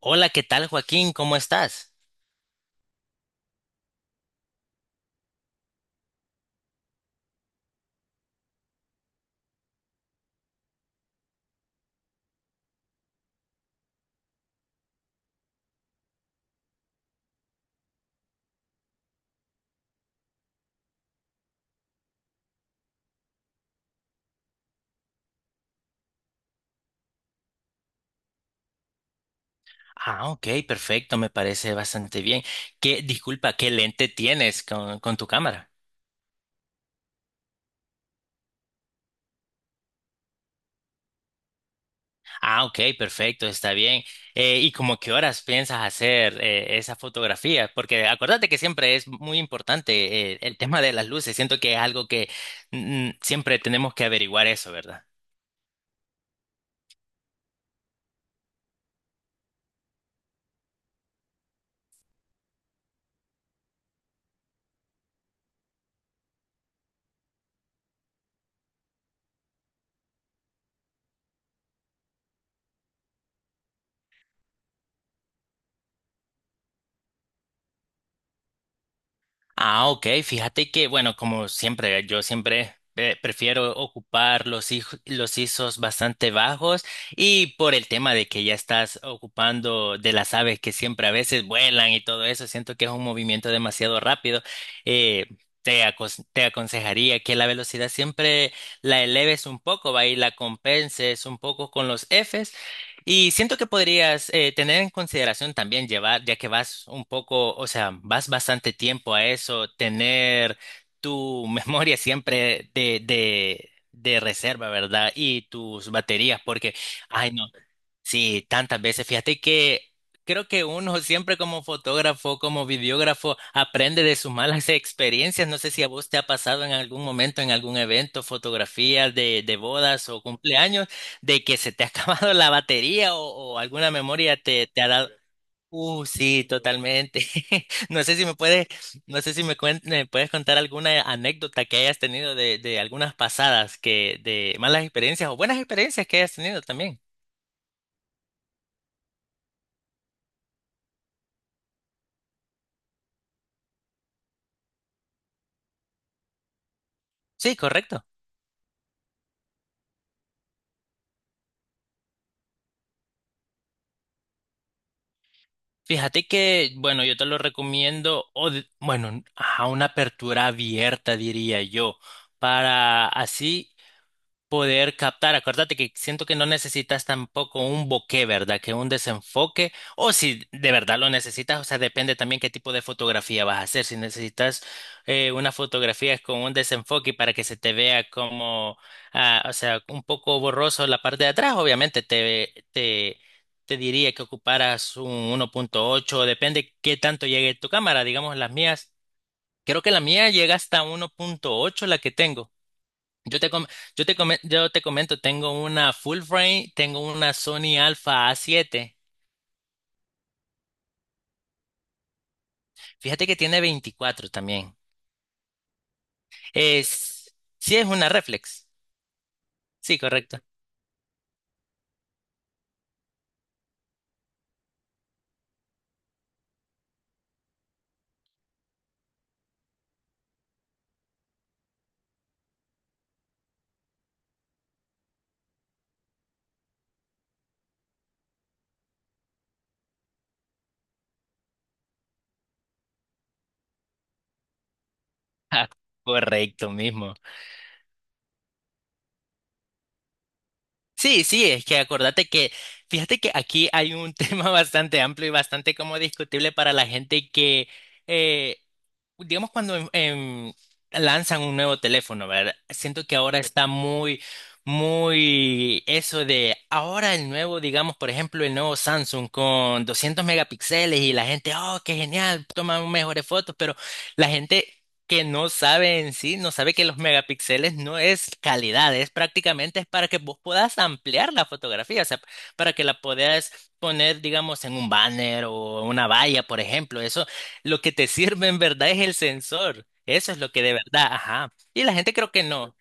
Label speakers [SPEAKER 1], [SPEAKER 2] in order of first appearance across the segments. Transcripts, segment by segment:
[SPEAKER 1] Hola, ¿qué tal, Joaquín? ¿Cómo estás? Ah, ok, perfecto, me parece bastante bien. ¿Qué, disculpa, qué lente tienes con tu cámara? Ah, ok, perfecto, está bien. ¿Y como qué horas piensas hacer esa fotografía? Porque acuérdate que siempre es muy importante el tema de las luces. Siento que es algo que siempre tenemos que averiguar eso, ¿verdad? Ah, ok. Fíjate que, bueno, como siempre, yo siempre prefiero ocupar los, los ISOs bastante bajos y por el tema de que ya estás ocupando de las aves que siempre a veces vuelan y todo eso, siento que es un movimiento demasiado rápido. Eh, Te aconsejaría que la velocidad siempre la eleves un poco, va y la compenses un poco con los Fs y siento que podrías tener en consideración también llevar, ya que vas un poco, o sea, vas bastante tiempo a eso, tener tu memoria siempre de reserva, ¿verdad? Y tus baterías, porque, ay, no. Sí, tantas veces. Fíjate que creo que uno siempre como fotógrafo, como videógrafo, aprende de sus malas experiencias. No sé si a vos te ha pasado en algún momento, en algún evento, fotografías de bodas o cumpleaños, de que se te ha acabado la batería o alguna memoria te ha dado. Sí, totalmente. No sé si me puedes, no sé si me puedes contar alguna anécdota que hayas tenido de algunas pasadas que, de malas experiencias o buenas experiencias que hayas tenido también. Sí, correcto. Fíjate que, bueno, yo te lo recomiendo, bueno, a una apertura abierta, diría yo, para así poder captar. Acuérdate que siento que no necesitas tampoco un bokeh, ¿verdad? Que un desenfoque. O si de verdad lo necesitas, o sea, depende también qué tipo de fotografía vas a hacer. Si necesitas una fotografía con un desenfoque para que se te vea como, ah, o sea, un poco borroso la parte de atrás, obviamente te diría que ocuparas un 1.8, depende qué tanto llegue tu cámara. Digamos, las mías, creo que la mía llega hasta 1.8, la que tengo. Yo te, com- yo te comento, tengo una full frame, tengo una Sony Alpha A7. Fíjate que tiene 24 también. Es, sí, es una reflex. Sí, correcto. Ah, correcto mismo. Sí, sí, es que acordate que, fíjate que aquí hay un tema bastante amplio y bastante como discutible para la gente que eh, digamos cuando lanzan un nuevo teléfono, ¿verdad? Siento que ahora está muy, muy eso de ahora el nuevo, digamos, por ejemplo, el nuevo Samsung con 200 megapíxeles y la gente, oh, qué genial, toma mejores fotos, pero la gente que no sabe en sí, no sabe que los megapíxeles no es calidad, es prácticamente es para que vos puedas ampliar la fotografía, o sea, para que la puedas poner, digamos, en un banner o una valla, por ejemplo, eso. Lo que te sirve en verdad es el sensor. Eso es lo que de verdad, ajá. Y la gente creo que no.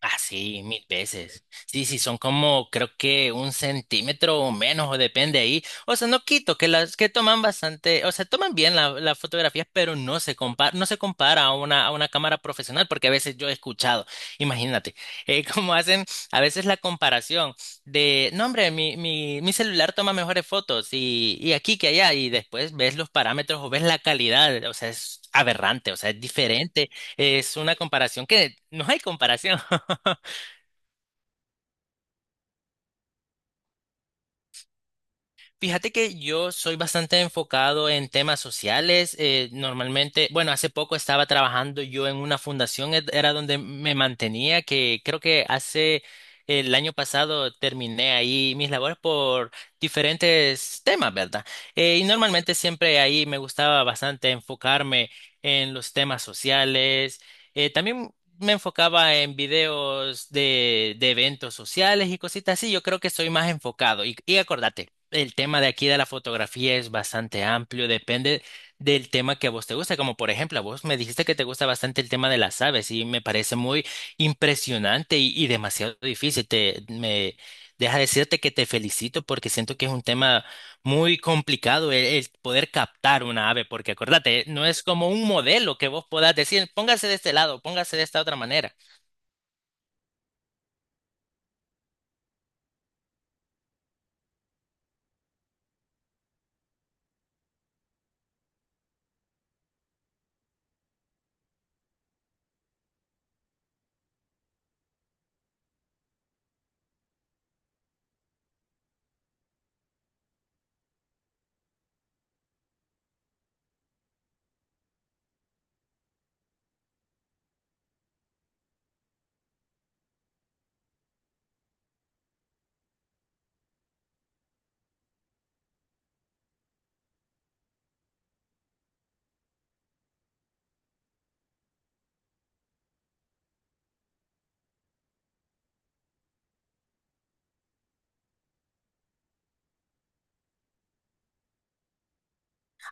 [SPEAKER 1] Ah, sí, mil veces. Sí, sí, son como creo que un centímetro o menos, o depende ahí. O sea, no quito que las que toman bastante, o sea, toman bien la- las fotografías, pero no se compara, no se compara a una cámara profesional, porque a veces yo he escuchado, imagínate, cómo hacen a veces la comparación de, no, hombre, mi celular toma mejores fotos y aquí que allá, y después ves los parámetros o ves la calidad, o sea, es aberrante, o sea, es diferente. Es una comparación que no hay comparación. Fíjate que yo soy bastante enfocado en temas sociales. Normalmente, bueno, hace poco estaba trabajando yo en una fundación, era donde me mantenía, que creo que hace el año pasado terminé ahí mis labores por diferentes temas, ¿verdad? Y normalmente siempre ahí me gustaba bastante enfocarme en los temas sociales. También me enfocaba en videos de eventos sociales y cositas así. Yo creo que soy más enfocado. Y acordate. El tema de aquí de la fotografía es bastante amplio, depende del tema que a vos te gusta. Como por ejemplo, a vos me dijiste que te gusta bastante el tema de las aves y me parece muy impresionante y demasiado difícil. Me deja decirte que te felicito porque siento que es un tema muy complicado el poder captar una ave, porque acordate, no es como un modelo que vos puedas decir, póngase de este lado, póngase de esta otra manera.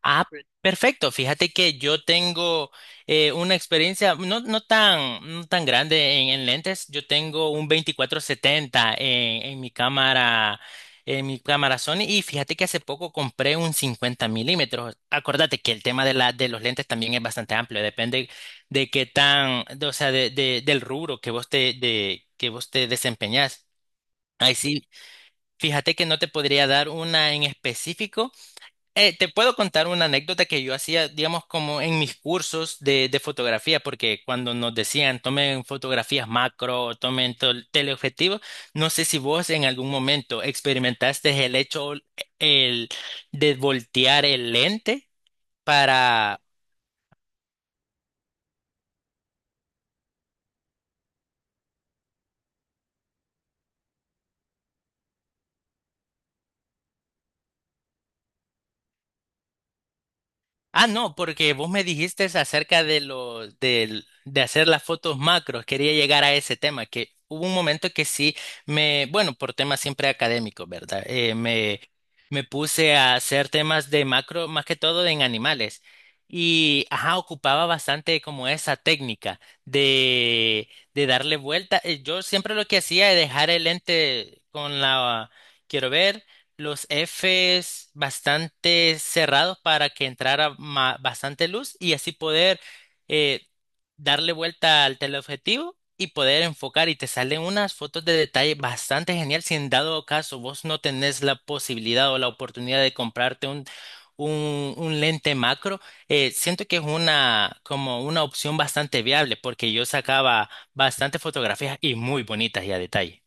[SPEAKER 1] Perfecto. Fíjate que yo tengo una experiencia no, no tan, no tan grande en lentes. Yo tengo un 2470 en mi cámara, en mi cámara Sony. Y fíjate que hace poco compré un 50 mm. Acordate que el tema de la, de los lentes también es bastante amplio. Depende de qué tan, o sea, del rubro que vos te, de, que vos te desempeñás. Ahí sí, fíjate que no te podría dar una en específico. Te puedo contar una anécdota que yo hacía, digamos, como en mis cursos de fotografía, porque cuando nos decían tomen fotografías macro, o tomen teleobjetivos, no sé si vos en algún momento experimentaste el hecho el, de voltear el lente para Ah, no, porque vos me dijiste acerca de lo de hacer las fotos macros. Quería llegar a ese tema, que hubo un momento que sí me, bueno, por temas siempre académicos, ¿verdad? Me puse a hacer temas de macro, más que todo en animales. Y, ajá, ocupaba bastante como esa técnica de darle vuelta. Yo siempre lo que hacía es dejar el lente con la, quiero ver los Fs bastante cerrados para que entrara bastante luz y así poder eh, darle vuelta al teleobjetivo y poder enfocar y te salen unas fotos de detalle bastante genial si en dado caso vos no tenés la posibilidad o la oportunidad de comprarte un lente macro, siento que es una como una opción bastante viable porque yo sacaba bastante fotografías y muy bonitas y a detalle.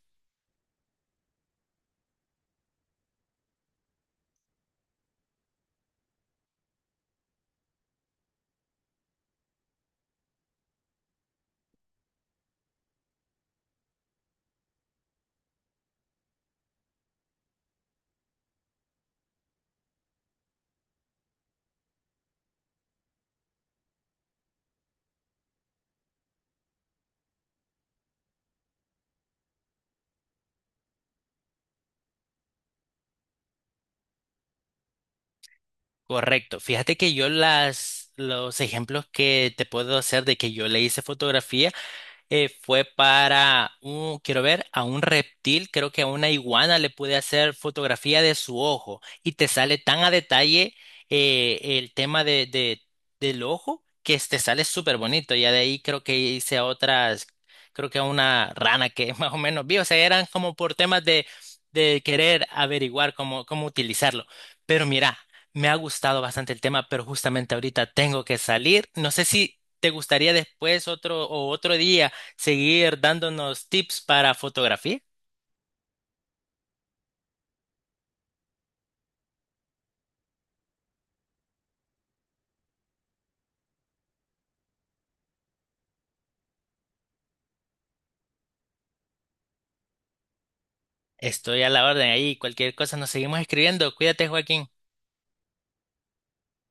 [SPEAKER 1] Correcto. Fíjate que yo las, los ejemplos que te puedo hacer de que yo le hice fotografía fue para un, quiero ver, a un reptil, creo que a una iguana le pude hacer fotografía de su ojo y te sale tan a detalle el tema del ojo que te sale súper bonito. Ya de ahí creo que hice a otras, creo que a una rana que más o menos vi, o sea, eran como por temas de querer averiguar cómo, cómo utilizarlo. Pero mira. Me ha gustado bastante el tema, pero justamente ahorita tengo que salir. No sé si te gustaría después otro o otro día seguir dándonos tips para fotografía. Estoy a la orden ahí. Cualquier cosa nos seguimos escribiendo. Cuídate, Joaquín.